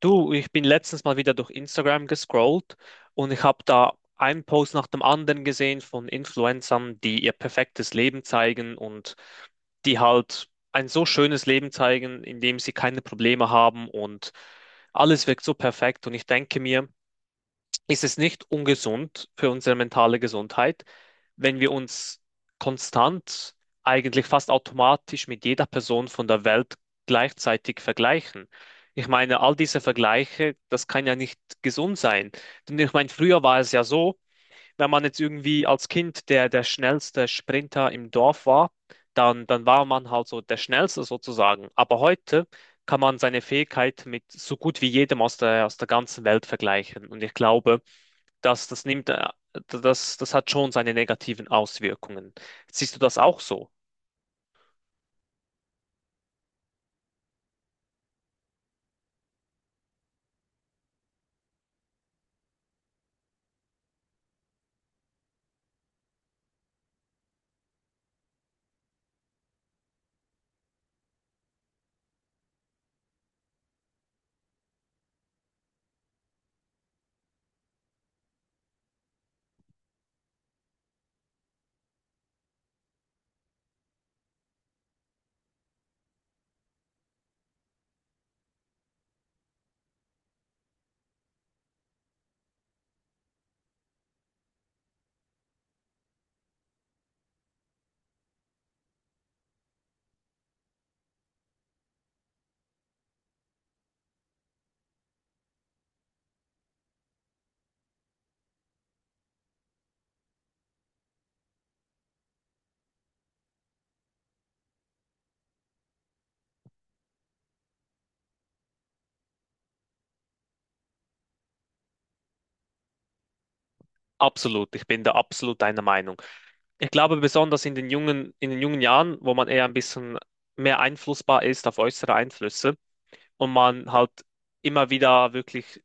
Du, ich bin letztens mal wieder durch Instagram gescrollt und ich habe da einen Post nach dem anderen gesehen von Influencern, die ihr perfektes Leben zeigen und die halt ein so schönes Leben zeigen, in dem sie keine Probleme haben und alles wirkt so perfekt. Und ich denke mir, ist es nicht ungesund für unsere mentale Gesundheit, wenn wir uns konstant, eigentlich fast automatisch mit jeder Person von der Welt gleichzeitig vergleichen. Ich meine, all diese Vergleiche, das kann ja nicht gesund sein. Denn ich meine, früher war es ja so, wenn man jetzt irgendwie als Kind der schnellste Sprinter im Dorf war, dann war man halt so der Schnellste sozusagen. Aber heute kann man seine Fähigkeit mit so gut wie jedem aus der ganzen Welt vergleichen. Und ich glaube, das, das nimmt, äh, das hat schon seine negativen Auswirkungen. Siehst du das auch so? Absolut, ich bin da absolut deiner Meinung. Ich glaube, besonders in in den jungen Jahren, wo man eher ein bisschen mehr einflussbar ist auf äußere Einflüsse und man halt immer wieder wirklich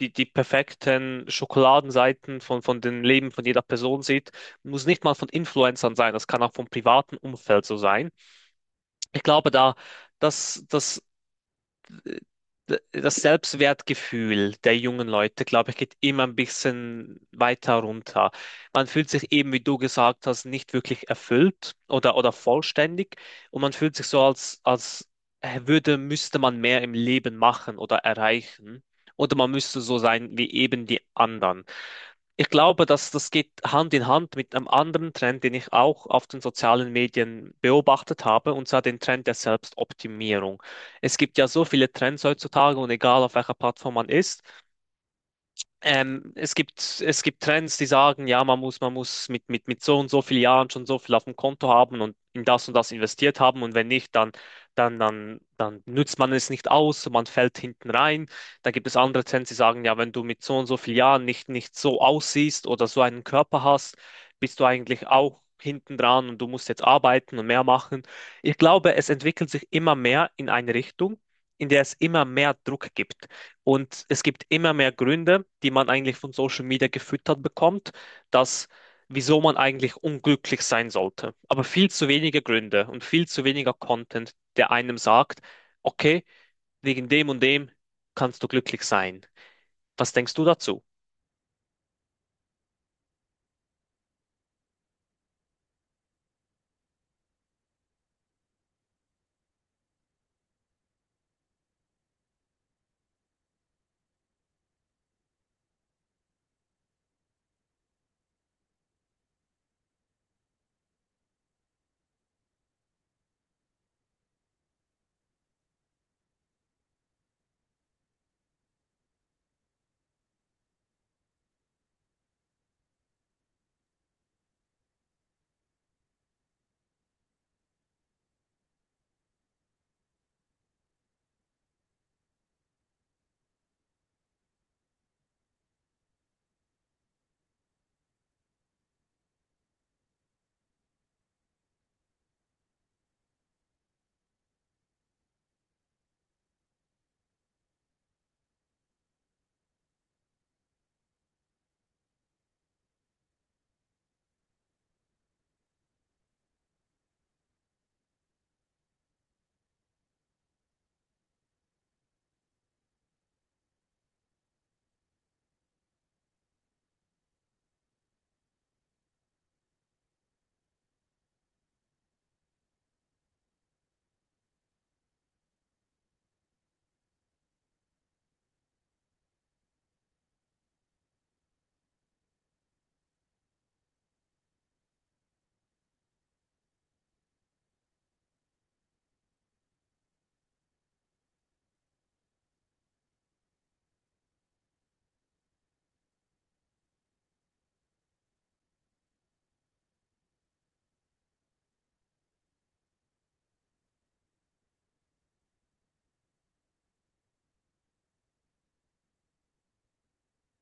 die perfekten Schokoladenseiten von den Leben von jeder Person sieht, muss nicht mal von Influencern sein, das kann auch vom privaten Umfeld so sein. Ich glaube, da, das, das das Selbstwertgefühl der jungen Leute, glaube ich, geht immer ein bisschen weiter runter. Man fühlt sich eben, wie du gesagt hast, nicht wirklich erfüllt oder vollständig und man fühlt sich so, als müsste man mehr im Leben machen oder erreichen oder man müsste so sein wie eben die anderen. Ich glaube, dass das geht Hand in Hand mit einem anderen Trend, den ich auch auf den sozialen Medien beobachtet habe, und zwar den Trend der Selbstoptimierung. Es gibt ja so viele Trends heutzutage und egal auf welcher Plattform man ist, es gibt Trends, die sagen, ja, man muss mit, mit so und so vielen Jahren schon so viel auf dem Konto haben und in das und das investiert haben. Und wenn nicht, dann nützt man es nicht aus, so man fällt hinten rein. Dann gibt es andere Trends, die sagen, ja, wenn du mit so und so vielen Jahren nicht so aussiehst oder so einen Körper hast, bist du eigentlich auch hinten dran und du musst jetzt arbeiten und mehr machen. Ich glaube, es entwickelt sich immer mehr in eine Richtung, in der es immer mehr Druck gibt. Und es gibt immer mehr Gründe, die man eigentlich von Social Media gefüttert bekommt, dass wieso man eigentlich unglücklich sein sollte. Aber viel zu wenige Gründe und viel zu weniger Content, der einem sagt, okay, wegen dem und dem kannst du glücklich sein. Was denkst du dazu?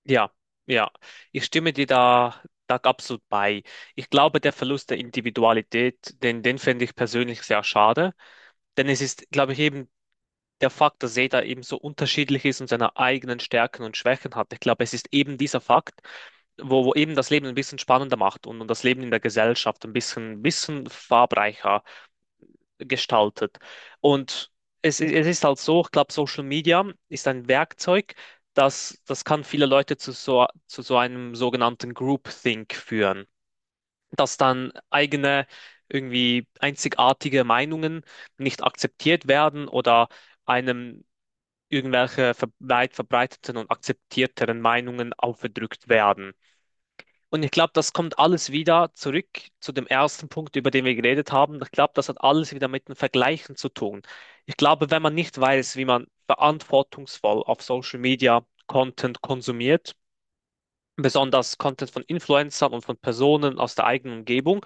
Ja, ja, ich stimme dir da absolut bei. Ich glaube, der Verlust der Individualität, den fände ich persönlich sehr schade, denn es ist, glaube ich, eben der Fakt, dass jeder eben so unterschiedlich ist und seine eigenen Stärken und Schwächen hat. Ich glaube, es ist eben dieser Fakt, wo eben das Leben ein bisschen spannender macht und das Leben in der Gesellschaft ein bisschen farbreicher gestaltet. Und es ist halt so, ich glaube, Social Media ist ein Werkzeug, das kann viele Leute zu so einem sogenannten Groupthink führen, dass dann eigene irgendwie einzigartige Meinungen nicht akzeptiert werden oder einem irgendwelche weit verbreiteten und akzeptierteren Meinungen aufgedrückt werden. Und ich glaube, das kommt alles wieder zurück zu dem ersten Punkt, über den wir geredet haben. Ich glaube, das hat alles wieder mit dem Vergleichen zu tun. Ich glaube, wenn man nicht weiß, wie man verantwortungsvoll auf Social Media Content konsumiert, besonders Content von Influencern und von Personen aus der eigenen Umgebung,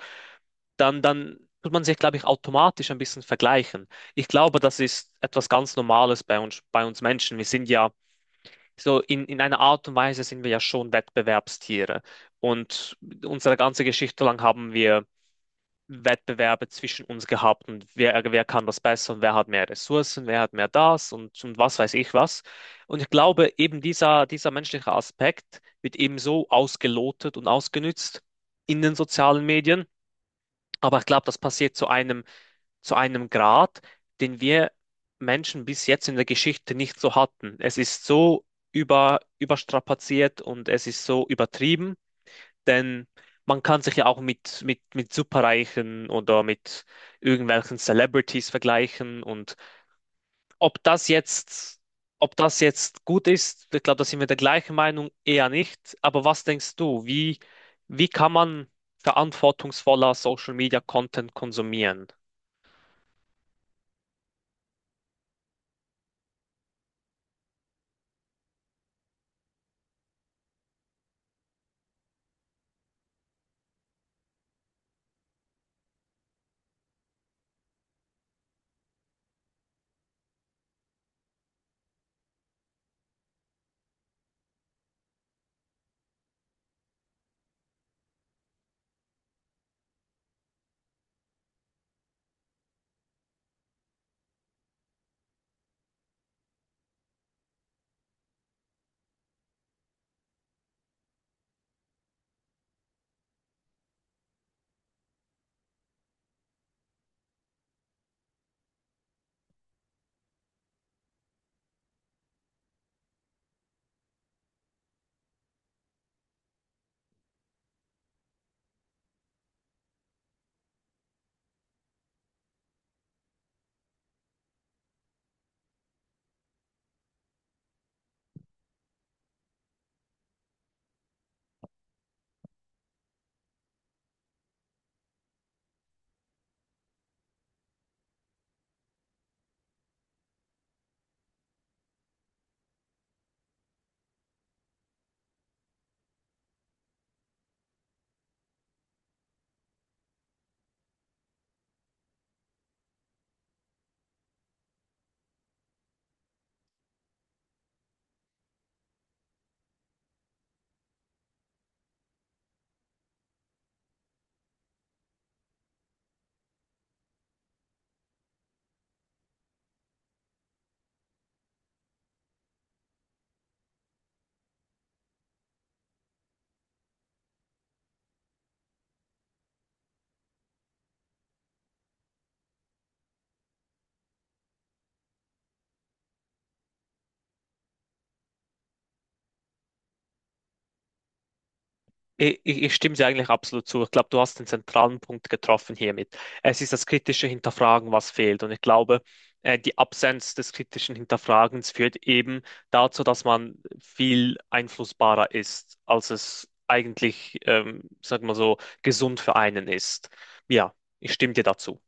dann tut man sich, glaube ich, automatisch ein bisschen vergleichen. Ich glaube, das ist etwas ganz Normales bei uns Menschen. Wir sind ja so in einer Art und Weise sind wir ja schon Wettbewerbstiere. Und unsere ganze Geschichte lang haben wir Wettbewerbe zwischen uns gehabt und wer kann das besser und wer hat mehr Ressourcen, wer hat mehr das und was weiß ich was. Und ich glaube, eben dieser menschliche Aspekt wird eben so ausgelotet und ausgenützt in den sozialen Medien. Aber ich glaube, das passiert zu einem Grad, den wir Menschen bis jetzt in der Geschichte nicht so hatten. Es ist so überstrapaziert und es ist so übertrieben, denn man kann sich ja auch mit Superreichen oder mit irgendwelchen Celebrities vergleichen und ob das jetzt, ob das jetzt gut ist, ich glaube, da sind wir der gleichen Meinung, eher nicht. Aber was denkst du, wie kann man verantwortungsvoller Social Media Content konsumieren? Ich stimme dir eigentlich absolut zu. Ich glaube, du hast den zentralen Punkt getroffen hiermit. Es ist das kritische Hinterfragen, was fehlt. Und ich glaube, die Absenz des kritischen Hinterfragens führt eben dazu, dass man viel einflussbarer ist, als es eigentlich, sag mal so, gesund für einen ist. Ja, ich stimme dir dazu.